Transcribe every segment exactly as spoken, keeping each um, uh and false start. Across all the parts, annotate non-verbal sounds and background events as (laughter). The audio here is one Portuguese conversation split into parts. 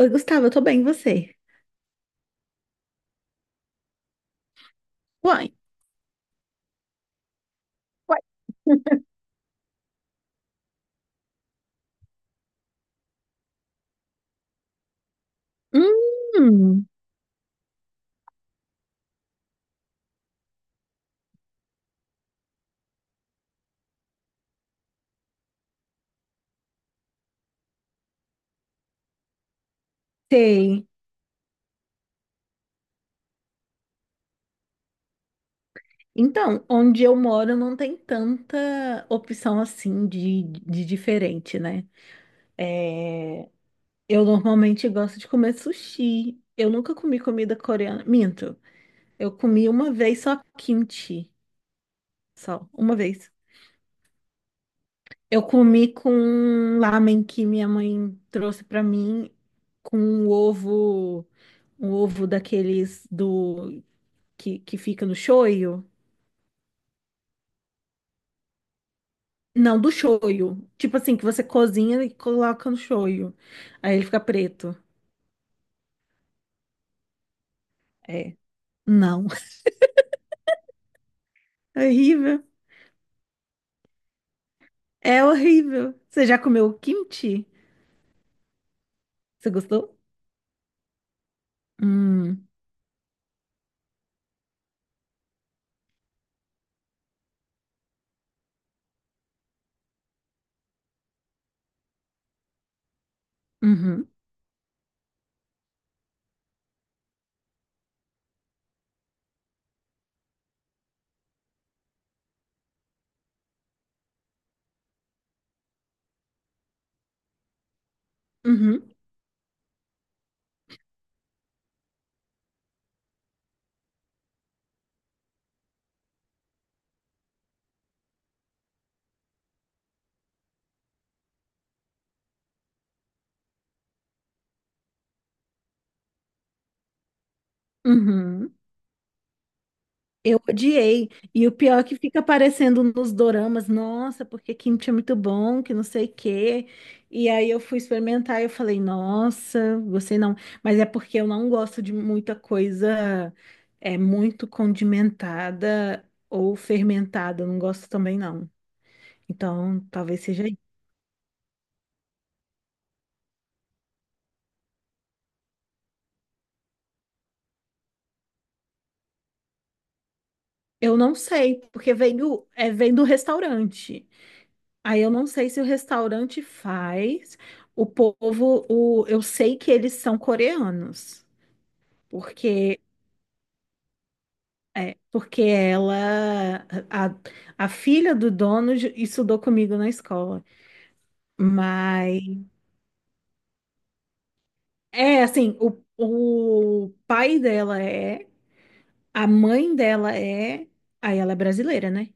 Oi, Gustavo, eu tô bem, e você? Uai. Hum, sei. Então, onde eu moro não tem tanta opção assim de, de diferente, né? É, eu normalmente gosto de comer sushi. Eu nunca comi comida coreana. Minto, eu comi uma vez só kimchi. Só, uma vez. Eu comi com ramen que minha mãe trouxe pra mim com um ovo, um ovo daqueles do que, que fica no shoyu. Não, do shoyu. Tipo assim, que você cozinha e coloca no shoyu. Aí ele fica preto. É. Não. (laughs) É horrível. É horrível. Você já comeu kimchi? Você gostou? Hum. Uhum. Uhum. Uhum. Eu odiei. E o pior é que fica aparecendo nos doramas, nossa, porque kimchi é muito bom, que não sei o quê. E aí eu fui experimentar e eu falei, nossa, gostei não. Mas é porque eu não gosto de muita coisa é muito condimentada ou fermentada, eu não gosto também não. Então, talvez seja isso. Eu não sei, porque vem do, é, vem do restaurante. Aí eu não sei se o restaurante faz. O povo, o, eu sei que eles são coreanos, porque é, porque ela, a, a filha do dono ju- estudou comigo na escola. Mas é assim, o, o pai dela é, a mãe dela é, aí ela é brasileira, né?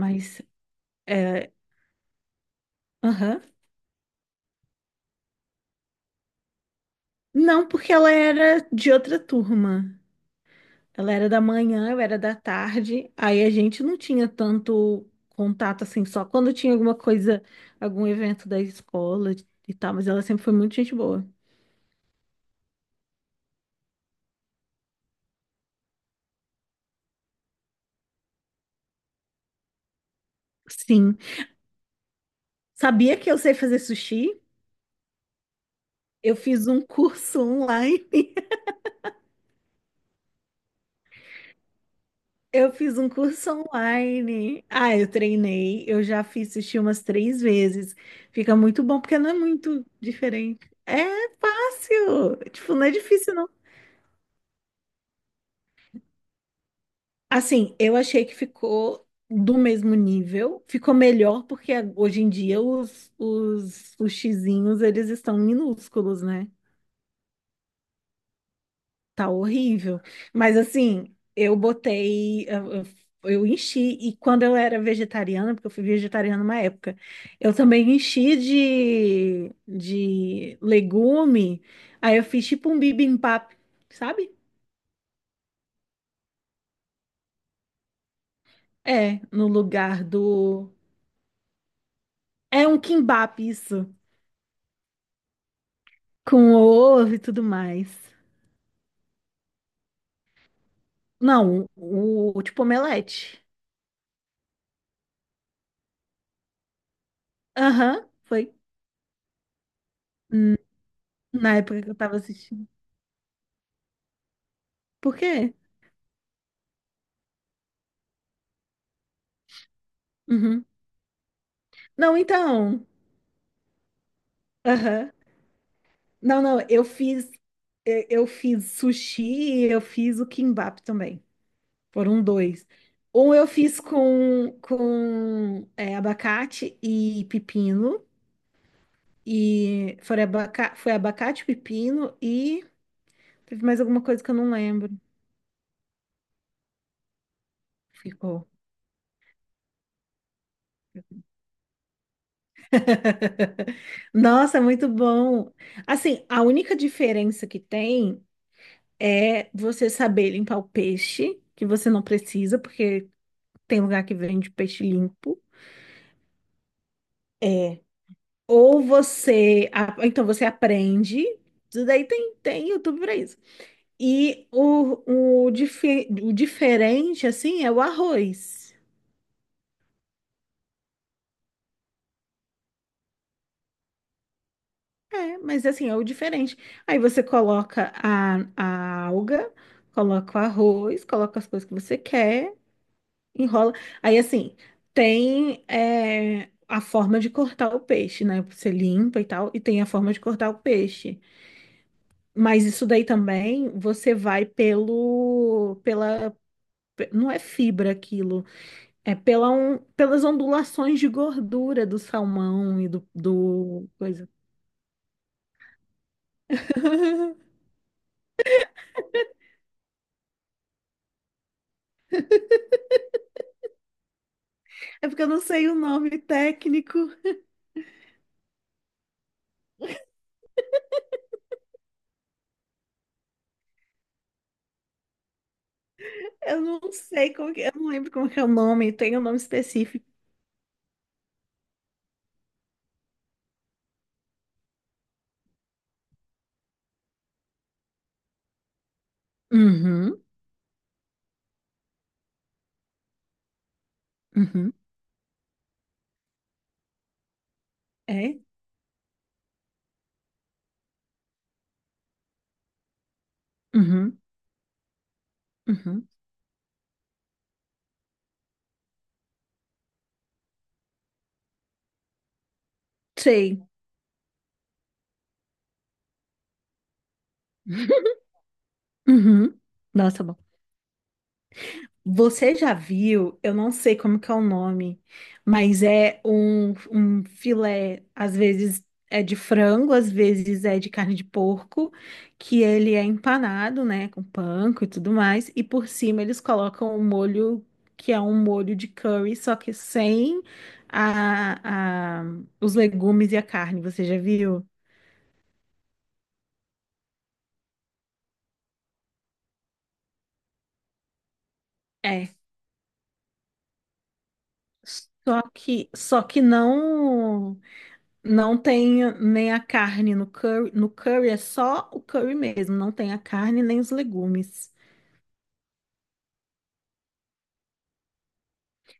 Mas é, aham. Não, porque ela era de outra turma. Ela era da manhã, eu era da tarde. Aí a gente não tinha tanto contato assim, só quando tinha alguma coisa, algum evento da escola e tal, mas ela sempre foi muito gente boa. Sim. Sabia que eu sei fazer sushi? Eu fiz um curso online. (laughs) Eu fiz um curso online. Ah, eu treinei. Eu já fiz sushi umas três vezes. Fica muito bom, porque não é muito diferente. É fácil. Tipo, não é difícil. Assim, eu achei que ficou do mesmo nível, ficou melhor porque a- hoje em dia os, os sushizinhos, eles estão minúsculos, né? Tá horrível. Mas assim, eu botei, eu, eu- eu enchi, e quando eu era vegetariana, porque eu fui vegetariana uma época, eu também enchi de, de legume, aí eu fiz tipo um bibimbap, sabe? É, no lugar do... É um kimbap isso. Com ovo e tudo mais. Não, o, o tipo omelete. Aham, foi. Hum. Na época que eu tava assistindo. Por quê? Uhum. Não, então. Aham. Não, não, eu fiz. Eu eu fiz sushi, eu fiz o kimbap também. Foram dois. Um eu fiz com, com é, abacate e pepino. E foi, abaca, foi abacate, pepino e teve mais alguma coisa que eu não lembro. Ficou. (laughs) Nossa, muito bom. Assim, a única diferença que tem é você saber limpar o peixe, que você não precisa, porque tem lugar que vende peixe limpo. É. Ou você, a- então você aprende, isso daí tem, tem YouTube para isso. E o, o, dife- o diferente, assim, é o arroz. É, mas assim, é o diferente. Aí você coloca a, a alga, coloca o arroz, coloca as coisas que você quer, enrola. Aí assim, tem é, a forma de cortar o peixe, né? Você limpa e tal, e tem a forma de cortar o peixe. Mas isso daí também você vai pelo, pela, pe- não é fibra aquilo, é pela on- pelas ondulações de gordura do salmão e do, do coisa. (laughs) É porque eu não sei o nome técnico. Eu não sei como que, eu não lembro como que é o nome, tem um nome específico. Uhum, uhum, é, uhum, uhum, sei. (laughs) Uhum. Nossa, bom. Você já viu, eu não sei como que é o nome, mas é um, um filé, às vezes é de frango, às vezes é de carne de porco, que ele é empanado, né, com panko e tudo mais, e por cima eles colocam um molho que é um molho de curry, só que sem a, a- os legumes e a carne, você já viu? É. Só que, só que não. Não tem nem a carne no curry. No curry é só o curry mesmo, não tem a carne nem os legumes.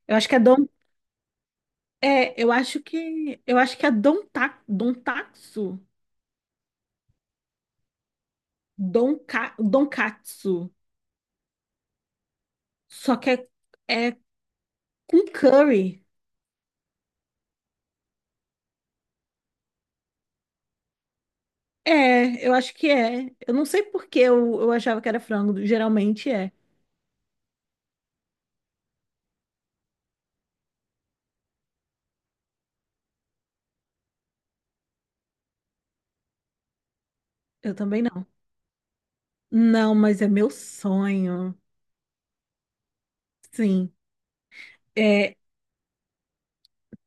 Eu acho que é don, é, eu acho que eu acho que é donta, dontatsu, donka, donkatsu. Só que é, é com curry. É, eu acho que é. Eu não sei por que eu, eu achava que era frango, geralmente é. Eu também não. Não, mas é meu sonho. Sim. É.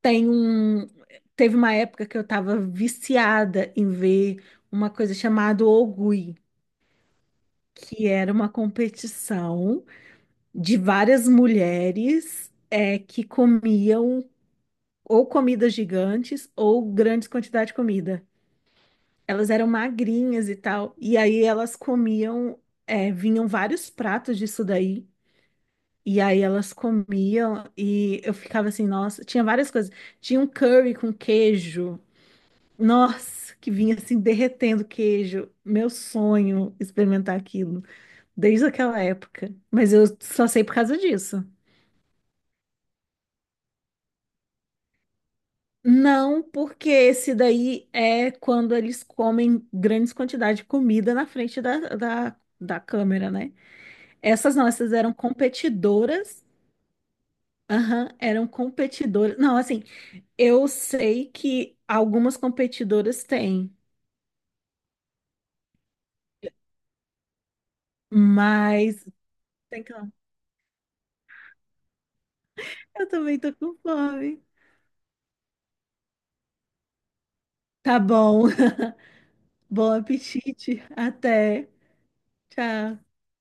Tem um. Teve uma época que eu estava viciada em ver uma coisa chamada Ogui, que era uma competição de várias mulheres é, que comiam ou comidas gigantes ou grandes quantidades de comida. Elas eram magrinhas e tal, e aí elas comiam, é, vinham vários pratos disso daí. E aí elas comiam e eu ficava assim, nossa, tinha várias coisas. Tinha um curry com queijo. Nossa, que vinha assim derretendo queijo. Meu sonho experimentar aquilo desde aquela época. Mas eu só sei por causa disso. Não, porque esse daí é quando eles comem grandes quantidades de comida na frente da, da, da câmera, né? Essas não, essas eram competidoras. Aham, eram competidoras. Não, assim, eu sei que algumas competidoras têm, mas tem que... Eu também tô com fome. Tá bom. Bom apetite. Até. Tchau.